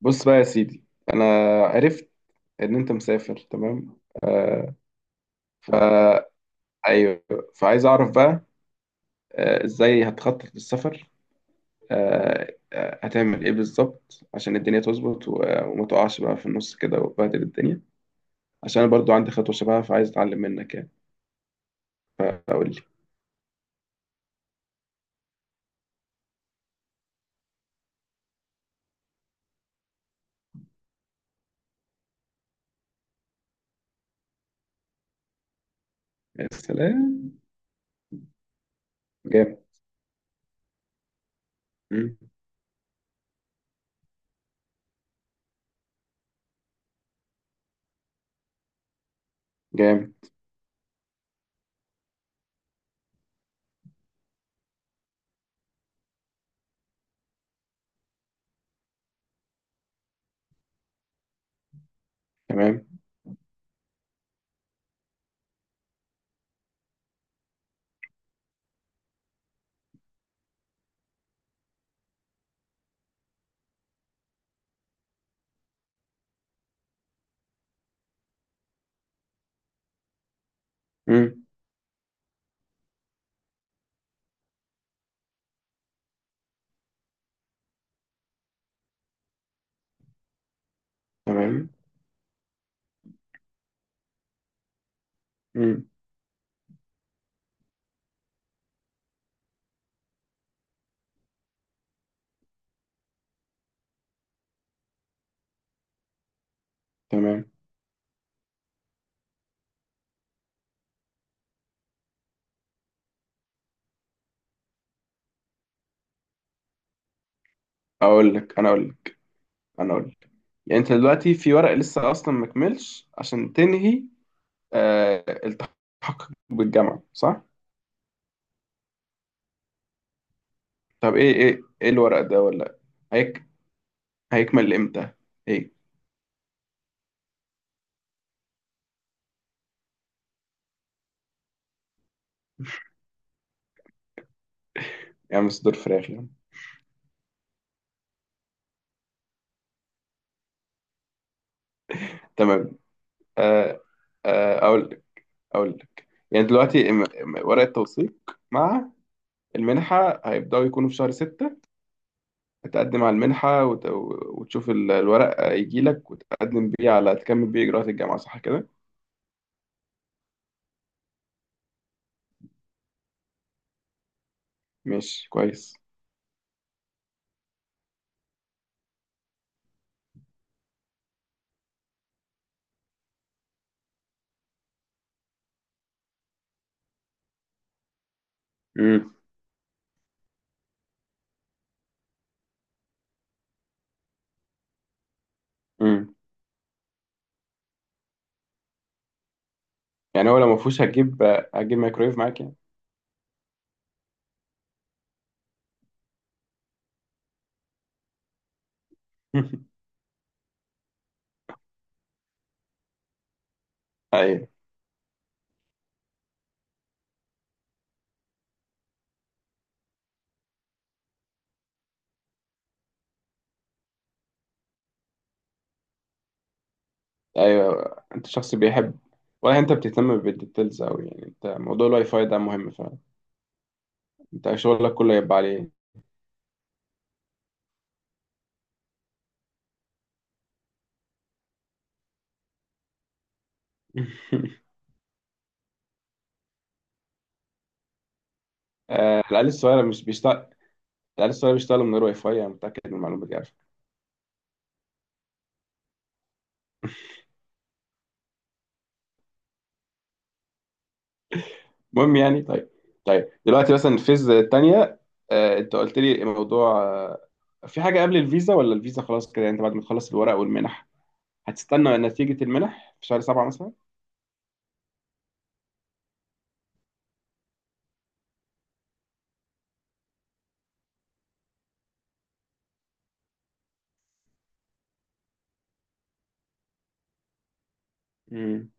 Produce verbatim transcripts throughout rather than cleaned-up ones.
بص بقى يا سيدي، انا عرفت ان انت مسافر. تمام. آه. فا ايوه. فعايز اعرف بقى آه ازاي هتخطط للسفر. آه آه، هتعمل ايه بالظبط عشان الدنيا تظبط و- وما تقعش بقى في النص كده وتبهدل الدنيا، عشان انا برضو عندي خطوة شبهها فعايز اتعلم منك يعني. فقول لي. يا سلام. جامد. مم. جامد. تمام. مم. تمام. مم. تمام. اقول لك انا اقول لك انا اقول لك يعني انت دلوقتي في ورق لسه اصلا مكملش عشان تنهي آه التحق بالجامعة، صح؟ طب ايه ايه ايه الورق ده، ولا هيك هيكمل امتى؟ ايه، يعني صدور فراخ يعني؟ تمام. آه. آه اقول لك. اقول لك يعني دلوقتي م- م- ورق التوثيق مع المنحة هيبدأوا يكونوا في شهر ستة. تقدم على المنحة وت- وتشوف ال- الورق يجي لك وتقدم بيه على تكمل بيه إجراءات الجامعة، صح كده؟ ماشي، كويس. امم. امم. يعني هو لو ما فيهوش هتجيب، هتجيب مايكرويف معاك يعني؟ ايوه. ايوه، انت شخص بيحب ولا انت بتهتم بالديتيلز اوي؟ يعني انت موضوع الواي فاي ده مهم فعلا؟ انت شغلك كله يبقى عليه. آه، العيال الصغيرة مش بيشتغل. العيال الصغيرة بيشتغلوا من غير واي فاي، انا متأكد من المعلومة دي على فكرة. المهم، يعني طيب. طيب دلوقتي مثلا الفيز التانية، آه، انت قلت لي موضوع آه، في حاجة قبل الفيزا، ولا الفيزا خلاص كده؟ يعني انت بعد ما تخلص الورق والمنح هتستنى نتيجة المنح في شهر سبعة مثلا؟ امم.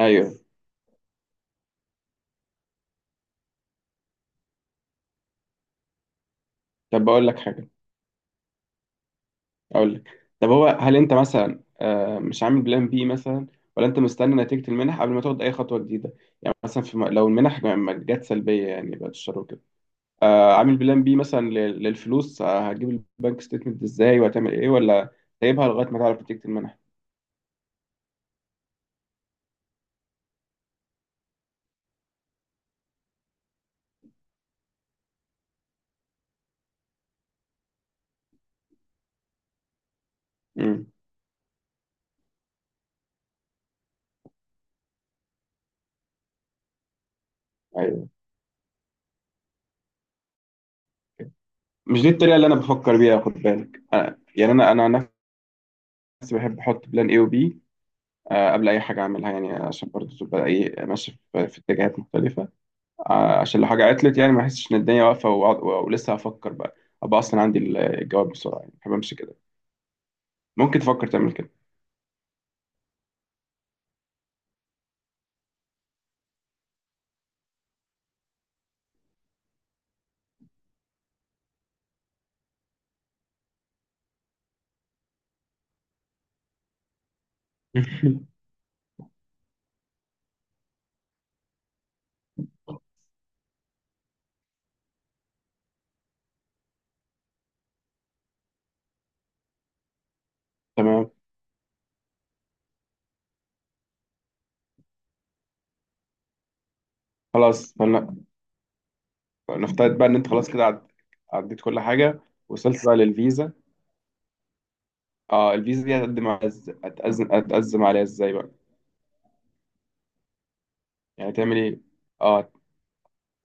ايوه. طب بقول لك حاجة. اقول لك. طب هو هل انت مثلا آه، مش عامل بلان بي مثلا، ولا انت مستني نتيجة المنح قبل ما تاخد اي خطوة جديدة؟ يعني مثلا في م- لو المنح ما ما جت سلبية يعني، بعد الشر وكده، آه، عامل بلان بي مثلا لل- للفلوس، آه، هتجيب البنك ستيتمنت ازاي وهتعمل ايه، ولا سايبها لغاية ما تعرف نتيجة المنح؟ امم. ايوه. مش دي الطريقة اللي انا بفكر بيها، خد بالك. أنا يعني انا انا عن نفسي بحب احط بلان اي وبي قبل اي حاجة اعملها، يعني عشان برضه تبقى ايه، ماشي في في اتجاهات مختلفة. ع- عشان لو حاجة عطلت يعني ما احسش ان الدنيا واقفة وأقعد- و- ولسه هفكر بقى، ابقى اصلا عندي ال- الجواب بسرعة. يعني بحب امشي كده. ممكن تفكر تعمل كده. تمام. خلاص فلن- فنفترض بقى ان انت خلاص كده عد- عديت كل حاجة، وصلت بقى للفيزا. اه الفيزا دي هتقدم عليها ازاي؟ هتقزم هتقزم عليها ازاي بقى؟ يعني تعمل ايه؟ اه،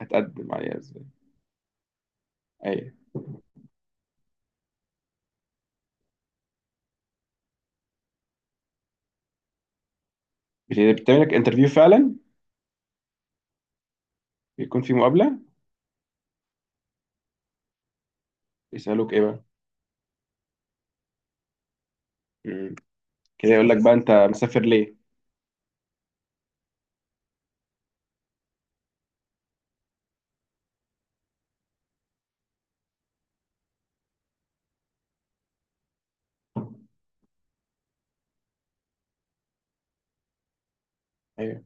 هتقدم عليها ازاي؟ ايوه. بت- بتعمل لك انترفيو فعلا؟ بيكون في مقابلة؟ يسألوك ايه بقى؟ مم. كده يقول لك بقى انت مسافر ليه؟ ايوه.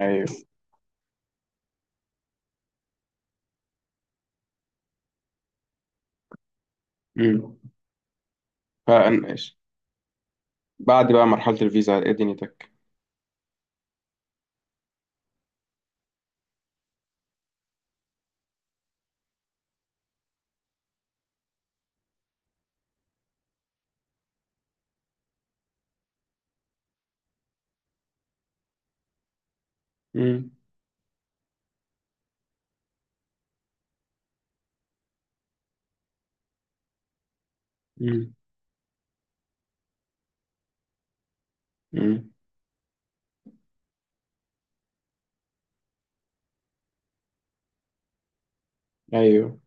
ايوه. امم. بعد بقى مرحلة الفيزا، على ايه دنيتك؟ مم. مم. مم. ايوه.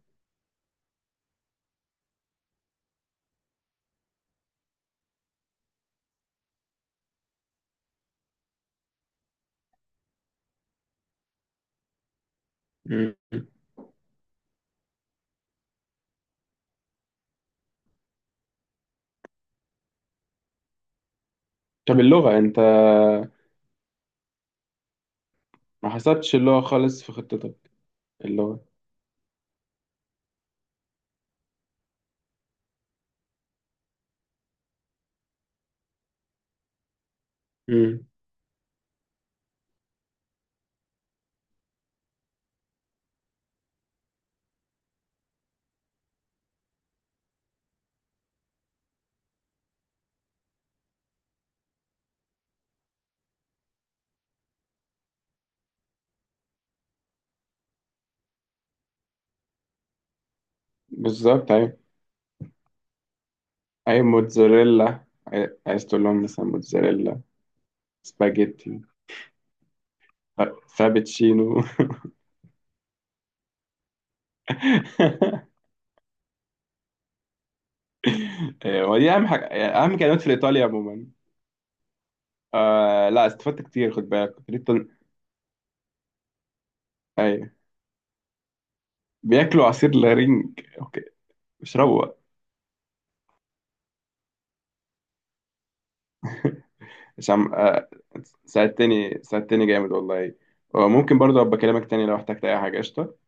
مم. طب اللغة، انت ما حسبتش اللغة خالص في خطتك؟ اللغة. مم. بالظبط. اي. اي، موتزاريلا. عاي- عايز تقول لهم مثلا موتزاريلا، سباجيتي، ف- فابتشينو. إيه، ودي اهم حاجة، اهم كلمات في الايطاليا عموما. آه لا، استفدت كتير خد بالك. كنت ليه طن- اي. بياكلوا عصير لارنج، اوكي. اشربوا بقى. هشام، آه، ساعدتني ساعدتني جامد والله. آه، ممكن برضه ابقى اكلمك تاني لو احتجت اي حاجة، قشطة؟